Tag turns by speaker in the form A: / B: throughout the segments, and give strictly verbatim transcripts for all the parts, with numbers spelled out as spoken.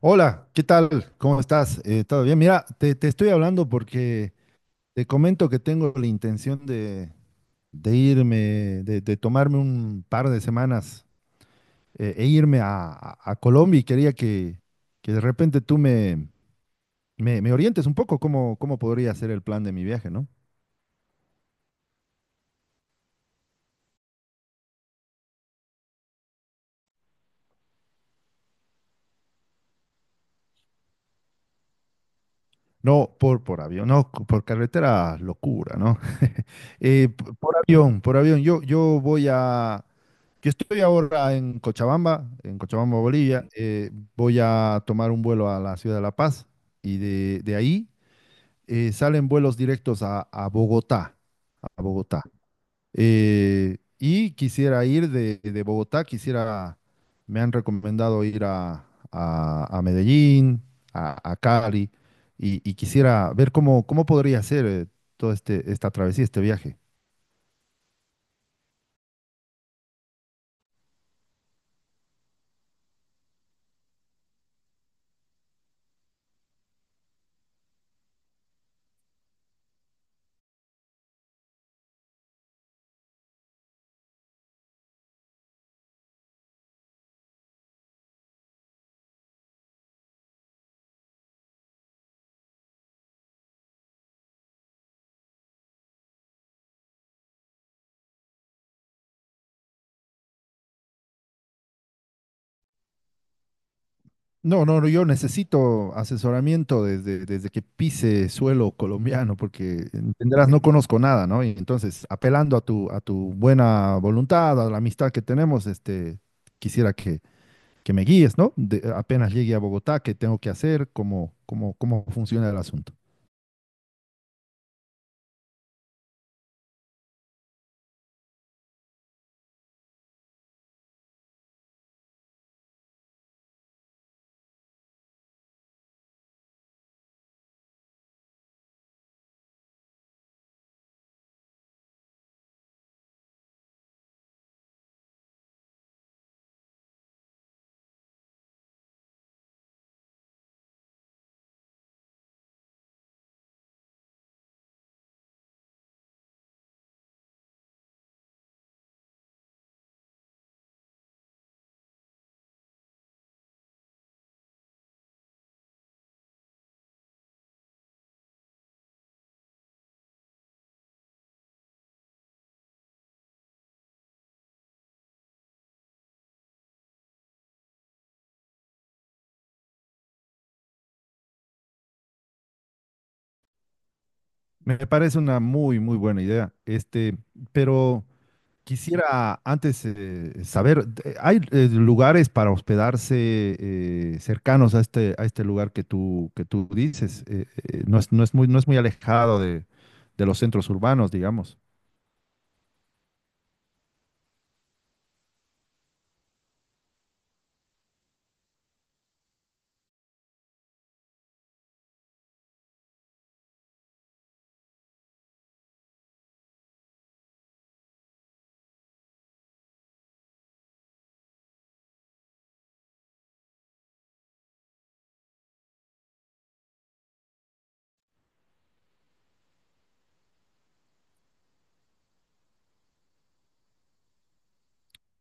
A: Hola, ¿qué tal? ¿Cómo estás? Eh, ¿todo bien? Mira, te, te estoy hablando porque te comento que tengo la intención de, de irme, de, de tomarme un par de semanas eh, e irme a, a- a Colombia y quería que, que de repente tú me, me, me orientes un poco cómo, cómo podría ser el plan de mi viaje, ¿no? No por, por avión, no, por carretera, locura, ¿no? Eh, p- por avión, por avión. Yo, yo voy a. Yo estoy ahora en Cochabamba, en Cochabamba, Bolivia. Eh, voy a tomar un vuelo a la ciudad de La Paz y de, de ahí eh, salen vuelos directos a, a Bogotá, a Bogotá. Eh, y quisiera ir de, de Bogotá, quisiera, me han recomendado ir a, a- a Medellín, a, a Cali, y, y quisiera ver cómo, cómo podría ser eh, todo este, esta travesía, este viaje. No, no, no, yo necesito asesoramiento desde, desde que pise suelo colombiano, porque entenderás, no conozco nada, ¿no? Y entonces, apelando a tu, a tu buena voluntad, a la amistad que tenemos, este, quisiera que, que me guíes, ¿no? De apenas llegue a Bogotá, ¿qué tengo que hacer? ¿Cómo, cómo, cómo funciona el asunto? Me parece una muy, muy buena idea. Este, pero. Quisiera antes eh, saber, de- ¿hay eh, lugares para hospedarse eh, cercanos a este, a este lugar que tú, que tú dices? Eh, eh, no es, no es muy, no es muy alejado de, de los centros urbanos, digamos.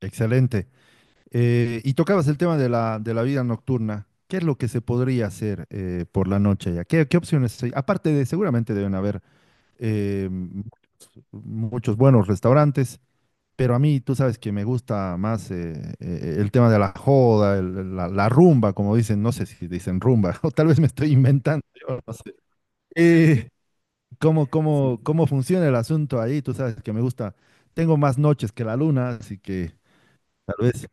A: Excelente. Eh, y tocabas el tema de la, de la vida nocturna. ¿Qué es lo que se podría hacer eh, por la noche allá? ¿Qué, qué opciones hay? Aparte de, seguramente deben haber eh, m- muchos buenos restaurantes. Pero a mí, tú sabes que me gusta más eh, eh, el tema de la joda, el- la, la rumba, como dicen, no sé si dicen rumba, o tal vez me estoy inventando, yo no sé. Eh, ¿Cómo, cómo, cómo funciona el asunto ahí? Tú sabes que me gusta, tengo más noches que la luna, así que tal vez,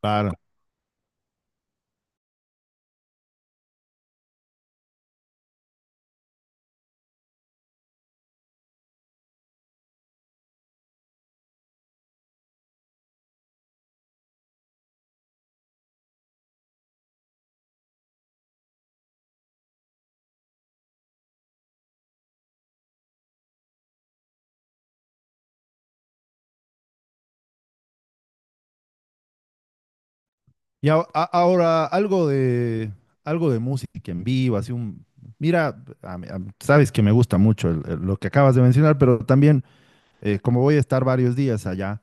A: claro. Y a- a- ahora algo de, algo de música en vivo, así un... Mira, a mí, a mí sabes que me gusta mucho el- el- lo que acabas de mencionar, pero también, eh, como voy a estar varios días allá,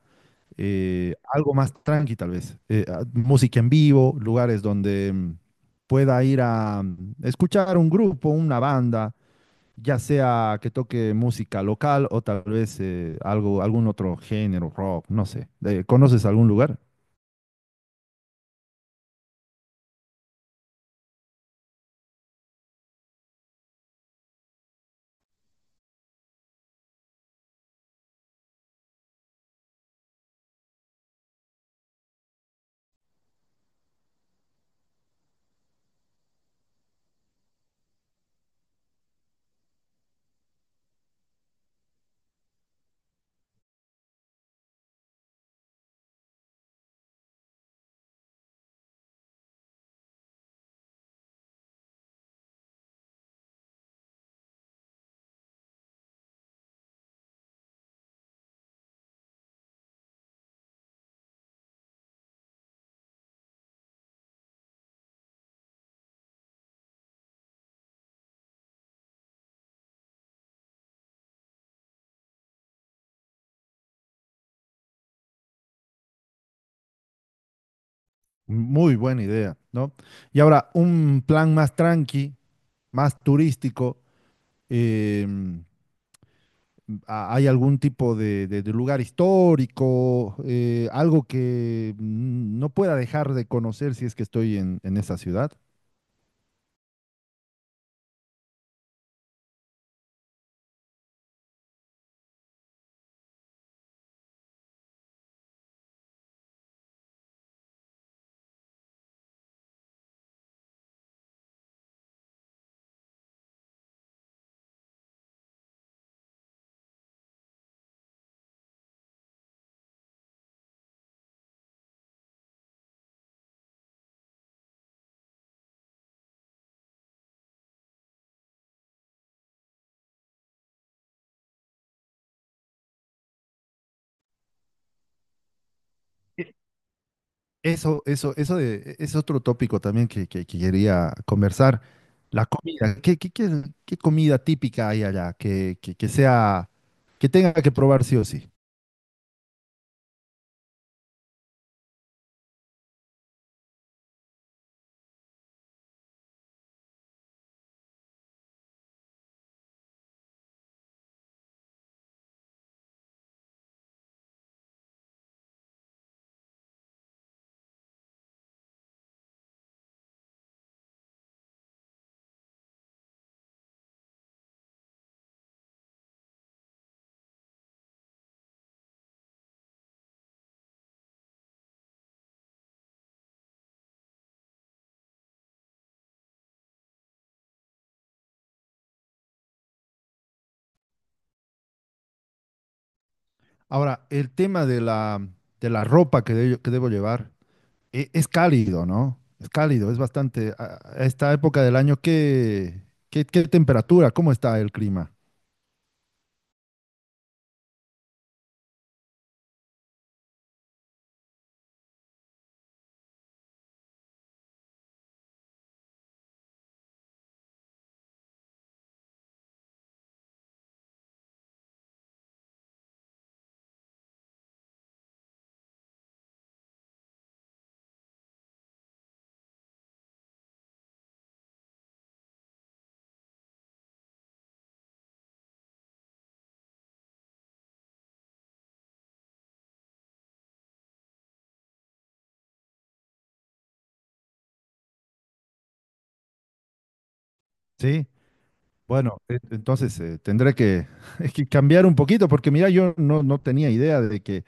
A: eh, algo más tranqui tal vez, eh, a- música en vivo, lugares donde mm, pueda ir a mm, escuchar un grupo, una banda, ya sea que toque música local o tal vez eh, algo, algún otro género, rock, no sé. Eh, ¿conoces algún lugar? Muy buena idea, ¿no? Y ahora, un plan más tranqui, más turístico. em, a- ¿Hay algún tipo de, de- de lugar histórico, eh, algo que mm, no pueda dejar de conocer si es que estoy en, en esa ciudad? E- Eso, eso, eso de- es otro tópico también que, que- que quería conversar. La comida. ¿Qué, qué, qué qué comida típica hay allá que, que- que sea, que tenga que probar sí o sí? Ahora, el tema de la, de la ropa que de- que debo llevar. E- es cálido, ¿no? Es cálido, es bastante. A a esta época del año, ¿qué, qué, qué temperatura? ¿Cómo está el clima? Sí. Bueno, e- entonces eh, tendré que, que cambiar un poquito, porque mira, yo no, no tenía idea de que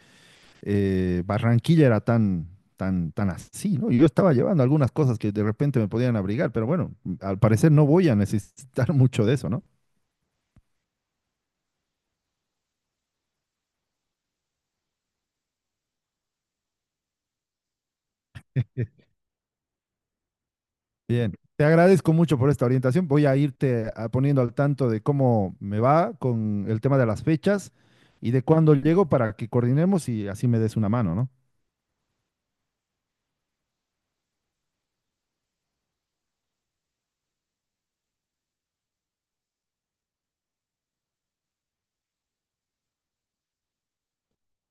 A: eh, Barranquilla era tan, tan, tan así, ¿no? Yo estaba llevando algunas cosas que de repente me podían abrigar, pero bueno, al parecer no voy a necesitar mucho de eso, ¿no? Bien, te agradezco mucho por esta orientación. Voy a irte a- poniendo al tanto de cómo me va con el tema de las fechas y de cuándo llego para que coordinemos y así me des una mano, ¿no?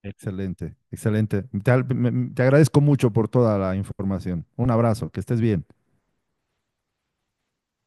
A: Excelente, excelente. Te, al- me- me- te agradezco mucho por toda la información. Un abrazo, que estés bien.